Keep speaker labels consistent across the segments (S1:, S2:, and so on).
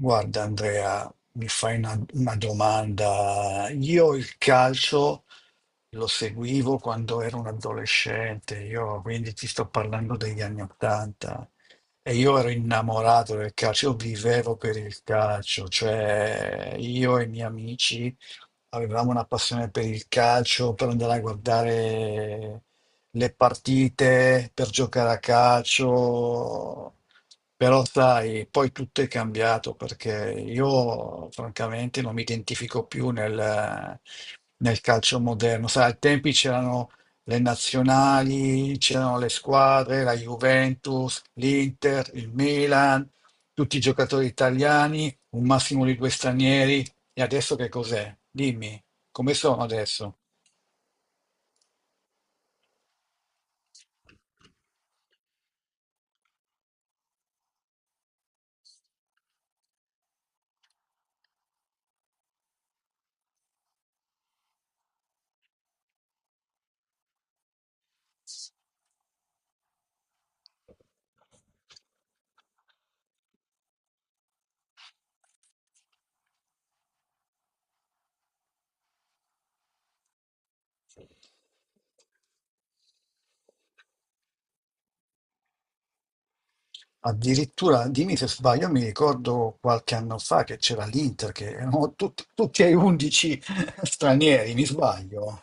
S1: Guarda, Andrea, mi fai una domanda. Io il calcio lo seguivo quando ero un adolescente, io quindi ti sto parlando degli anni Ottanta, e io ero innamorato del calcio, io vivevo per il calcio, cioè io e i miei amici avevamo una passione per il calcio, per andare a guardare le partite, per giocare a calcio. Però sai, poi tutto è cambiato perché io francamente non mi identifico più nel calcio moderno. Sai, ai tempi c'erano le nazionali, c'erano le squadre, la Juventus, l'Inter, il Milan, tutti i giocatori italiani, un massimo di due stranieri, e adesso che cos'è? Dimmi, come sono adesso? Addirittura, dimmi se sbaglio, mi ricordo qualche anno fa che c'era l'Inter, che erano tutti e 11 stranieri, mi sbaglio.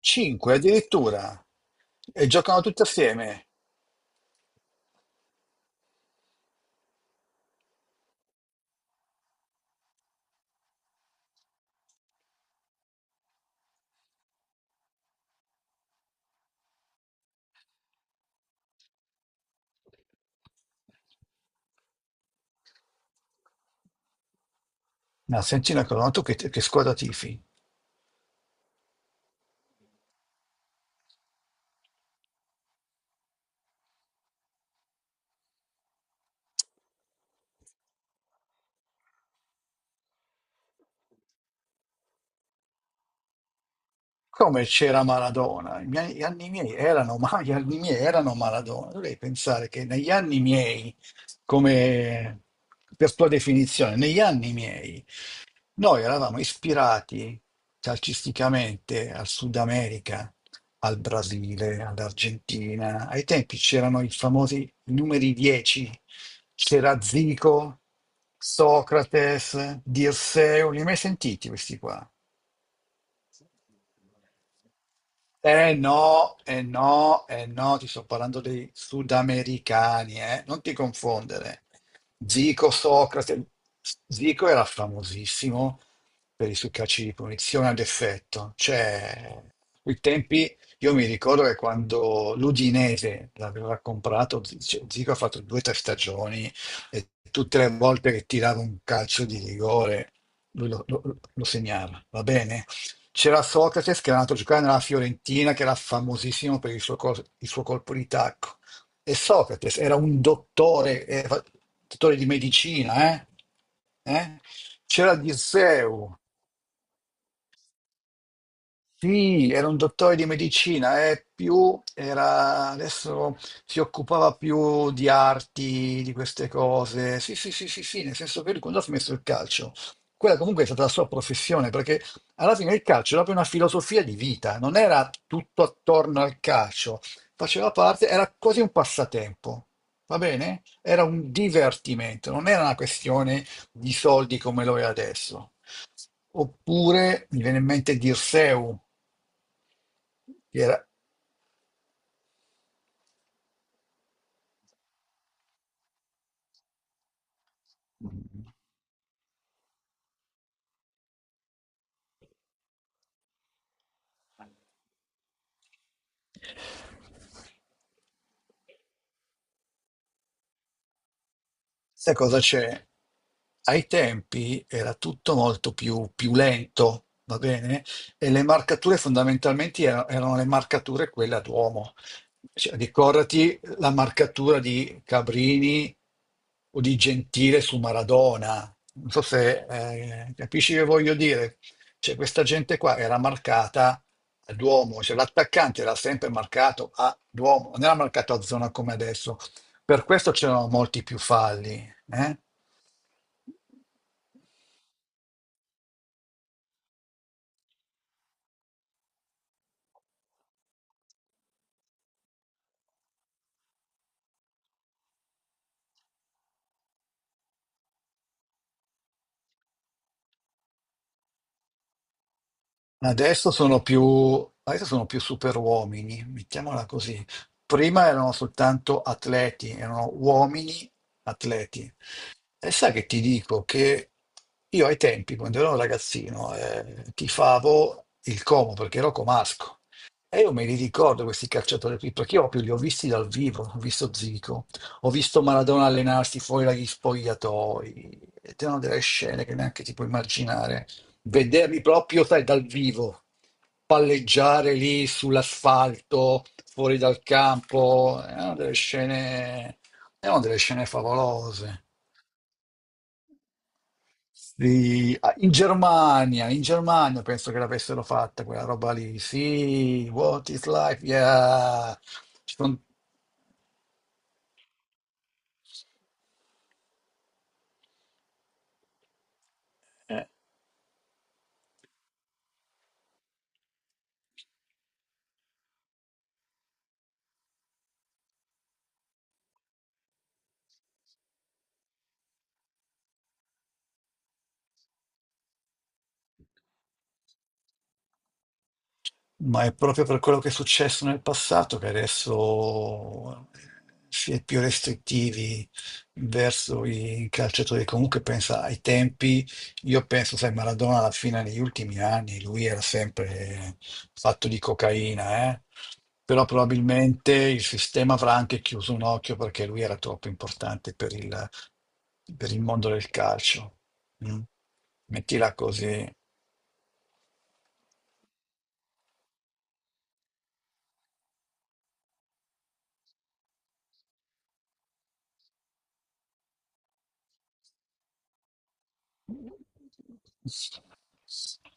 S1: 5 addirittura. E giocano tutti assieme. Ma senti una cosa, ma tu che squadra tifi? Come c'era Maradona? Gli anni miei erano, ma gli anni miei erano Maradona. Dovrei pensare che negli anni miei, come per tua definizione, negli anni miei. Noi eravamo ispirati calcisticamente al Sud America, al Brasile, all'Argentina. Ai tempi c'erano i famosi numeri 10, c'era Zico, Socrates, Dirseu, li hai mai sentiti questi qua? Eh no, eh no, eh no, ti sto parlando dei sudamericani, eh? Non ti confondere. Zico, Socrate, Zico era famosissimo per i suoi calci di punizione ad effetto. Cioè, quei tempi, io mi ricordo che quando l'Udinese l'aveva comprato, cioè, Zico ha fatto due o tre stagioni e tutte le volte che tirava un calcio di rigore, lui lo segnava, va bene? C'era Socrate che era andato a giocare nella Fiorentina, che era famosissimo per il suo colpo di tacco. E Socrate era un dottore, era dottore di medicina, eh? Eh? C'era Disseu, sì, era un dottore di medicina, più era, adesso si occupava più di arti, di queste cose. Sì, sì, sì, sì, sì, nel senso che lui quando ha smesso il calcio, quella comunque è stata la sua professione, perché alla fine il calcio era proprio una filosofia di vita, non era tutto attorno al calcio, faceva parte, era quasi un passatempo, va bene? Era un divertimento, non era una questione di soldi come lo è adesso. Oppure mi viene in mente Dirseu, che era sai cosa c'è? Ai tempi era tutto molto più, più lento, va bene? E le marcature fondamentalmente erano le marcature quelle ad uomo. Cioè, ricordati la marcatura di Cabrini o di Gentile su Maradona. Non so se capisci che voglio dire. Cioè, questa gente qua era marcata a Duomo, cioè l'attaccante era sempre marcato a Duomo, non era marcato a zona come adesso. Per questo c'erano molti più falli, eh? Adesso sono più, adesso sono più superuomini, mettiamola così. Prima erano soltanto atleti, erano uomini atleti. E sai che ti dico che io ai tempi, quando ero un ragazzino, tifavo il Como perché ero comasco. E io me li ricordo questi calciatori qui, perché io proprio li ho visti dal vivo, ho visto Zico, ho visto Maradona allenarsi fuori dagli spogliatoi, ed erano delle scene che neanche ti puoi immaginare. Vederli proprio, sai, dal vivo, palleggiare lì sull'asfalto, fuori dal campo, erano delle scene favolose. Sì, ah, in Germania penso che l'avessero fatta quella roba lì. Sì, What is life? Yeah. Ci son- eh, ma è proprio per quello che è successo nel passato che adesso si è più restrittivi verso i calciatori. Comunque pensa ai tempi, io penso, sai, Maradona alla fine negli ultimi anni, lui era sempre fatto di cocaina, eh? Però probabilmente il sistema avrà anche chiuso un occhio perché lui era troppo importante per il mondo del calcio. Mm? Mettila così.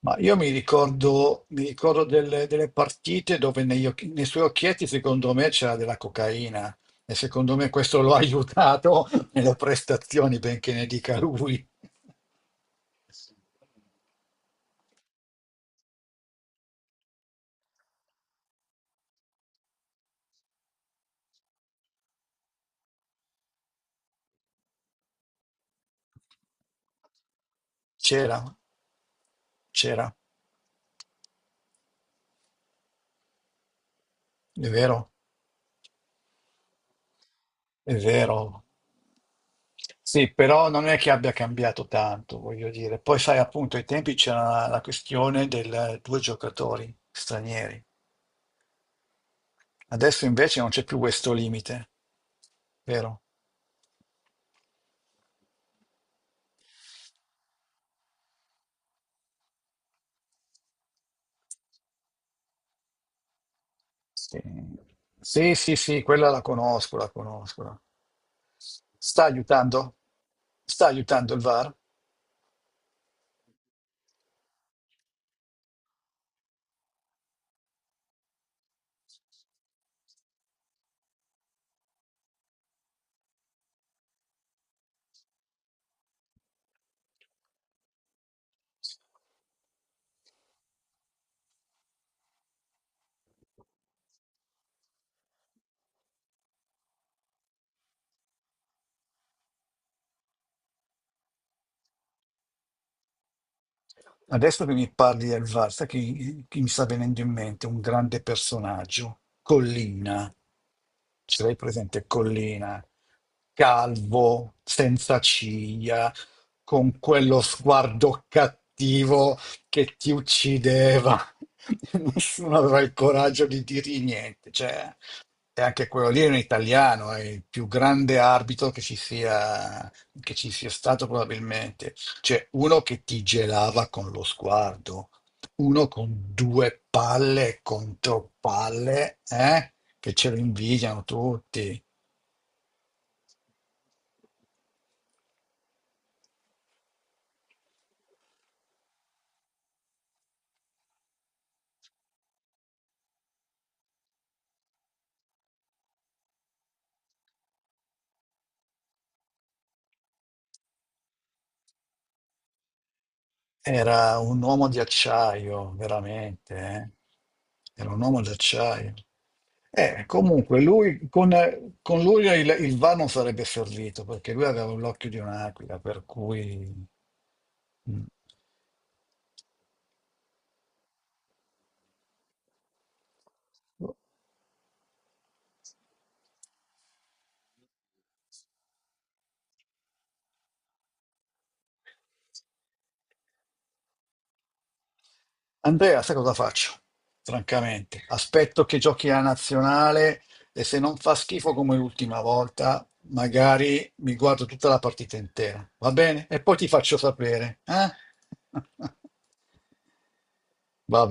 S1: Ma io mi ricordo delle, delle partite dove nei suoi occhietti, secondo me, c'era della cocaina e secondo me questo lo ha aiutato nelle prestazioni, benché ne dica lui. C'era, c'era, è vero, è vero. Sì, però non è che abbia cambiato tanto, voglio dire. Poi, sai, appunto, ai tempi c'era la questione del due giocatori stranieri. Adesso invece non c'è più questo limite, vero? Sì, sì, sì, sì, quella la conosco, la conosco. Sta aiutando? Sta aiutando il VAR? Adesso che mi parli del VAR, sai chi mi sta venendo in mente? Un grande personaggio, Collina. Ce l'hai presente Collina? Calvo, senza ciglia, con quello sguardo cattivo che ti uccideva. Nessuno aveva il coraggio di dirgli niente. Cioè, e anche quello lì è un italiano, è il più grande arbitro che ci sia stato probabilmente. Cioè, uno che ti gelava con lo sguardo, uno con due palle contro palle, eh? Che ce lo invidiano tutti. Era un uomo di acciaio, veramente, eh? Era un uomo d'acciaio. Comunque, lui, con lui il VAR non sarebbe servito perché lui aveva l'occhio di un'aquila, per cui. Mm. Andrea, sai cosa faccio? Francamente, aspetto che giochi la nazionale e se non fa schifo come l'ultima volta, magari mi guardo tutta la partita intera, va bene? E poi ti faccio sapere, eh? Va